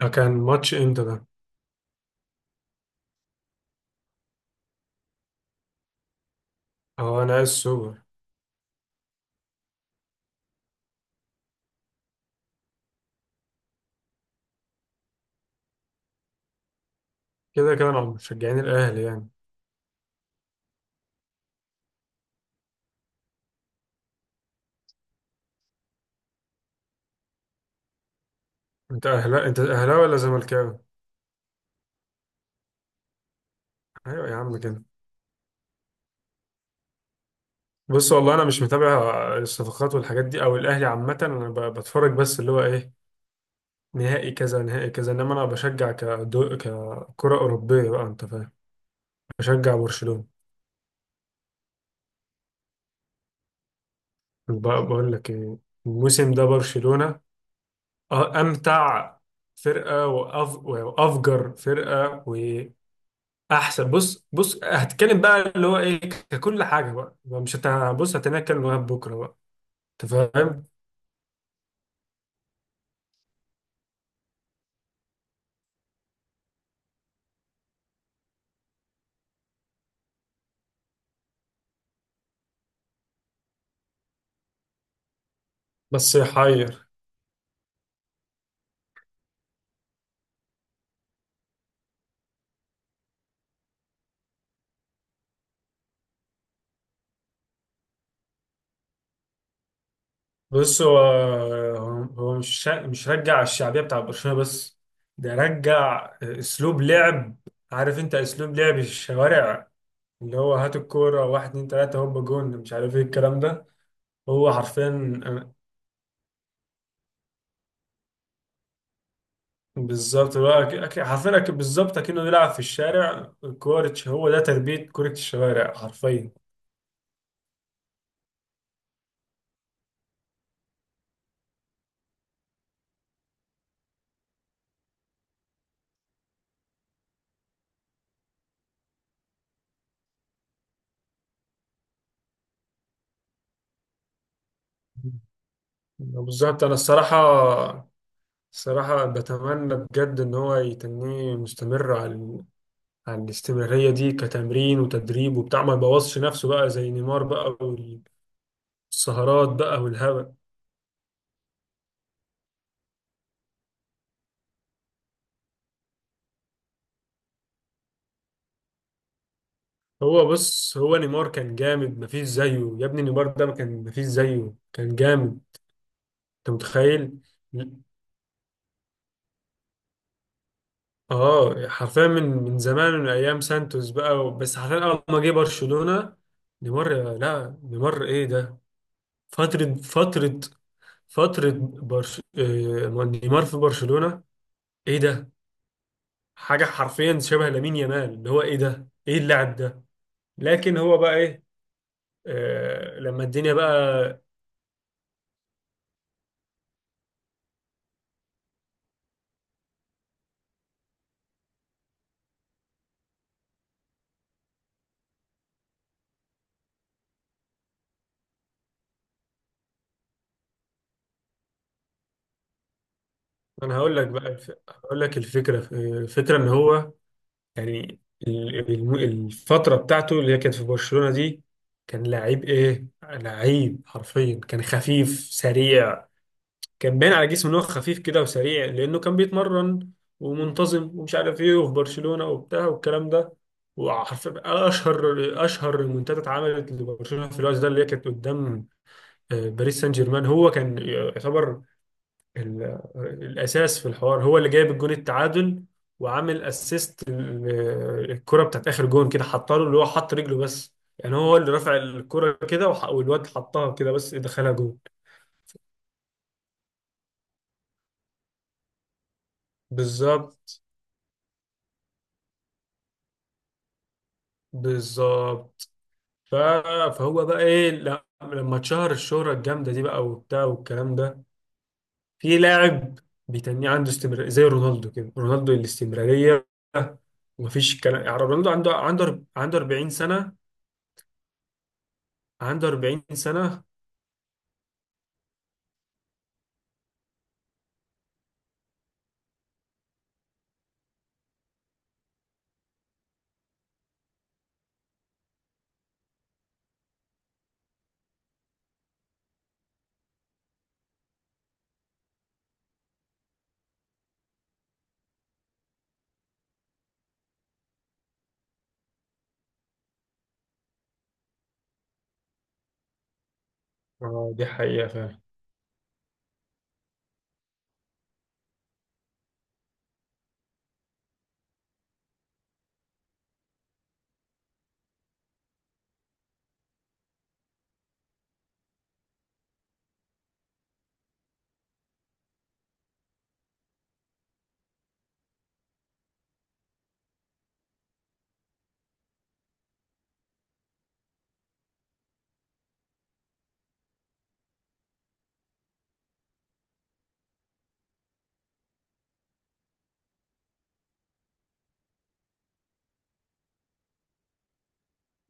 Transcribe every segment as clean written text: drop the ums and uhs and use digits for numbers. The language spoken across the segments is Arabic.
آه، كان ماتش امتى ده؟ اه انا عايز سوبر. كده كده انا مشجعين الاهلي يعني. انت اهلا انت اهلاوي ولا زملكاوي؟ ايوه يا عم كده. بص والله انا مش متابع الصفقات والحاجات دي او الاهلي عامة. انا بتفرج بس اللي هو ايه نهائي كذا نهائي كذا، انما انا بشجع ككرة اوروبية بقى، انت فاهم. بشجع برشلونة. وبقى بقول لك ايه، الموسم ده برشلونة امتع فرقة وافجر فرقة احسن. بص بص هتتكلم بقى اللي هو ايه ككل حاجه بقى. مش هت بص هتناكل لغايه بكره بقى، انت فاهم. بس يحير. بص هو هو مش رجع الشعبيه بتاع برشلونه بس، ده رجع اسلوب لعب. عارف انت اسلوب لعب الشوارع، اللي هو هات الكوره واحد اتنين تلاته هوب جون مش عارف ايه الكلام ده. هو حرفيا بالظبط، هو حرفيا بالظبط اكنه بيلعب في الشارع كورة. هو ده تربيه كره الشوارع حرفيا. بالظبط انا الصراحه بتمنى بجد ان هو يتنيه مستمر على الاستمراريه دي كتمرين وتدريب وبتاع، ما يبوظش نفسه بقى زي نيمار بقى والسهرات بقى والهبل. هو بص، هو نيمار كان جامد مفيش زيه يا ابني. نيمار ده ما كان مفيش زيه، كان جامد. انت متخيل. اه حرفيا من زمان، من ايام سانتوس بقى، بس حرفيا اول ما جه برشلونه نيمار، لا نيمار ايه ده. فترة فترة برش... آه، نيمار في برشلونة، ايه ده؟ حاجة حرفيا شبه لامين يامال. اللي هو ايه ده؟ ايه اللاعب ده؟ لكن هو بقى ايه؟ آه لما الدنيا بقى. انا هقول لك الفكرة، الفكرة ان هو يعني الفترة بتاعته اللي هي كانت في برشلونة دي، كان لعيب ايه؟ لعيب حرفيا، كان خفيف سريع. كان باين على جسمه ان هو خفيف كده وسريع لانه كان بيتمرن ومنتظم ومش عارف ايه، وفي برشلونة وبتاع والكلام ده. وحرفيا اشهر المنتدى اتعملت لبرشلونة في الوقت ده، اللي هي كانت قدام باريس سان جيرمان. هو كان يعتبر ال- الاساس في الحوار، هو اللي جايب الجون التعادل، وعامل اسيست الكرة بتاعت اخر جون كده، حطها له اللي هو حط رجله بس، يعني هو اللي رفع الكرة كده والواد حطها كده بس دخلها جون. بالظبط. بالظبط. ف- فهو بقى ايه لما اتشهر الشهرة الجامدة دي بقى وبتاع والكلام ده، في لاعب بيتنيه عنده استمرارية زي رونالدو كده. رونالدو الاستمرارية ومفيش كلام. يعني رونالدو عنده 40 سنة. عنده 40 سنة. اه دي حقيقة فعلا.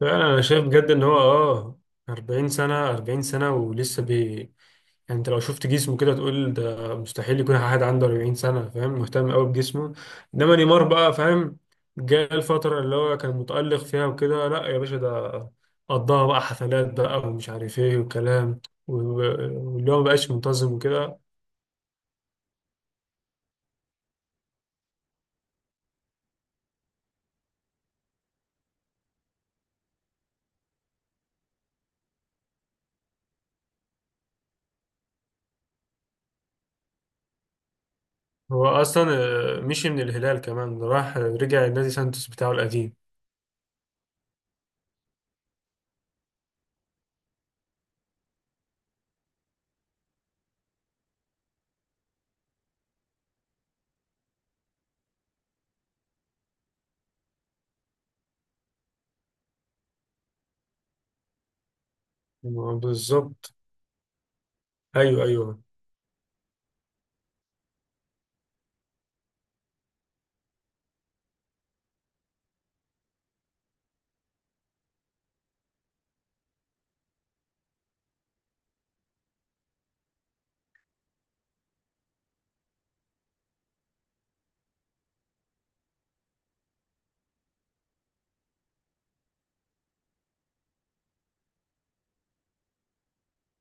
فعلا انا شايف بجد ان هو اه 40 سنة، 40 سنة ولسه بي. يعني انت لو شفت جسمه كده تقول ده مستحيل يكون حد عنده 40 سنة. فاهم، مهتم قوي بجسمه. انما نيمار بقى فاهم، جاء الفترة اللي هو كان متألق فيها وكده، لا يا باشا ده قضاها بقى حفلات بقى ومش عارف ايه وكلام، و- و- واللي هو مبقاش منتظم وكده. هو اصلا مشي من الهلال كمان راح رجع النادي سانتوس بتاعه القديم. بالظبط. ايوه ايوه.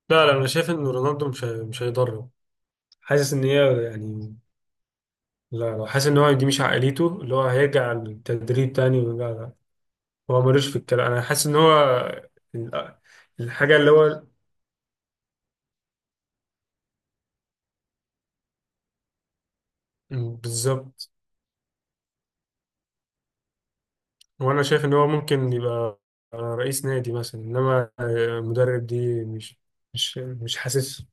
لا لا انا شايف ان رونالدو مش هيضره. حاسس ان هي يعني، لا لا، حاسس ان هو دي مش عقليته اللي هو هيرجع للتدريب تاني ولا لا. هو ملوش في الكلام، انا حاسس ان هو ال- الحاجه اللي هو بالظبط. وانا شايف ان هو ممكن يبقى رئيس نادي مثلا، انما مدرب دي مش حاسس.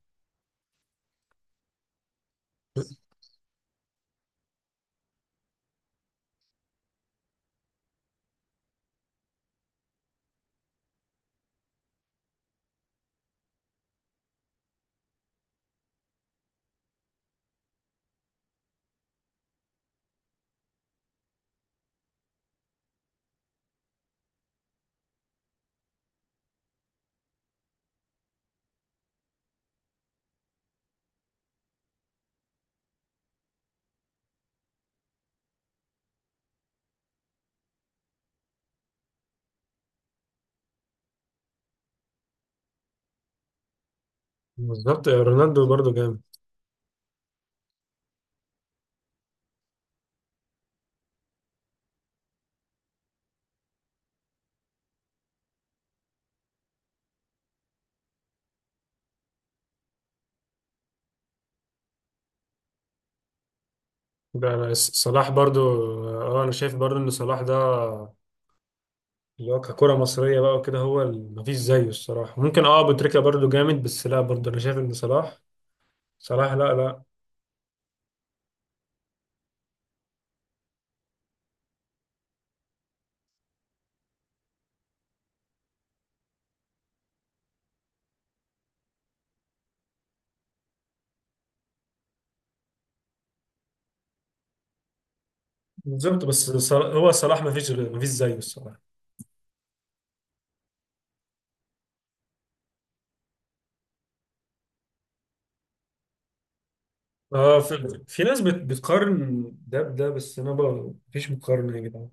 بالظبط رونالدو برضو جامد. ده صلاح برضو. اه انا شايف برضو ان صلاح ده اللي هو ككرة مصرية بقى وكده، هو مفيش زيه الصراحة. ممكن اه أبو تريكة برضه جامد، بس لا برضه أنا شايف إن صلاح، صلاح، لا لا. بالظبط بس صلاح، هو صلاح مفيش غير- مفيش زيه الصراحة. اه في ناس بتقارن ده بده، بس أنا بقى مفيش مقارنة يا جدعان.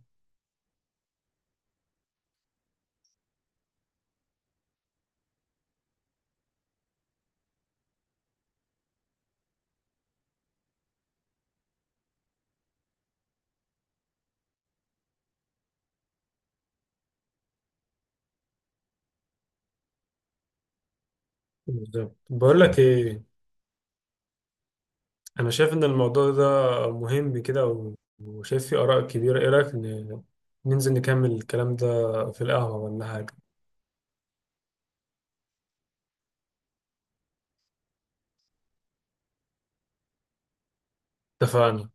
بالظبط. بقول لك إيه، أنا شايف إن الموضوع ده مهم كده، وشايف فيه آراء كبيرة. إيه رأيك ننزل نكمل الكلام ده في القهوة ولا حاجة؟ اتفقنا.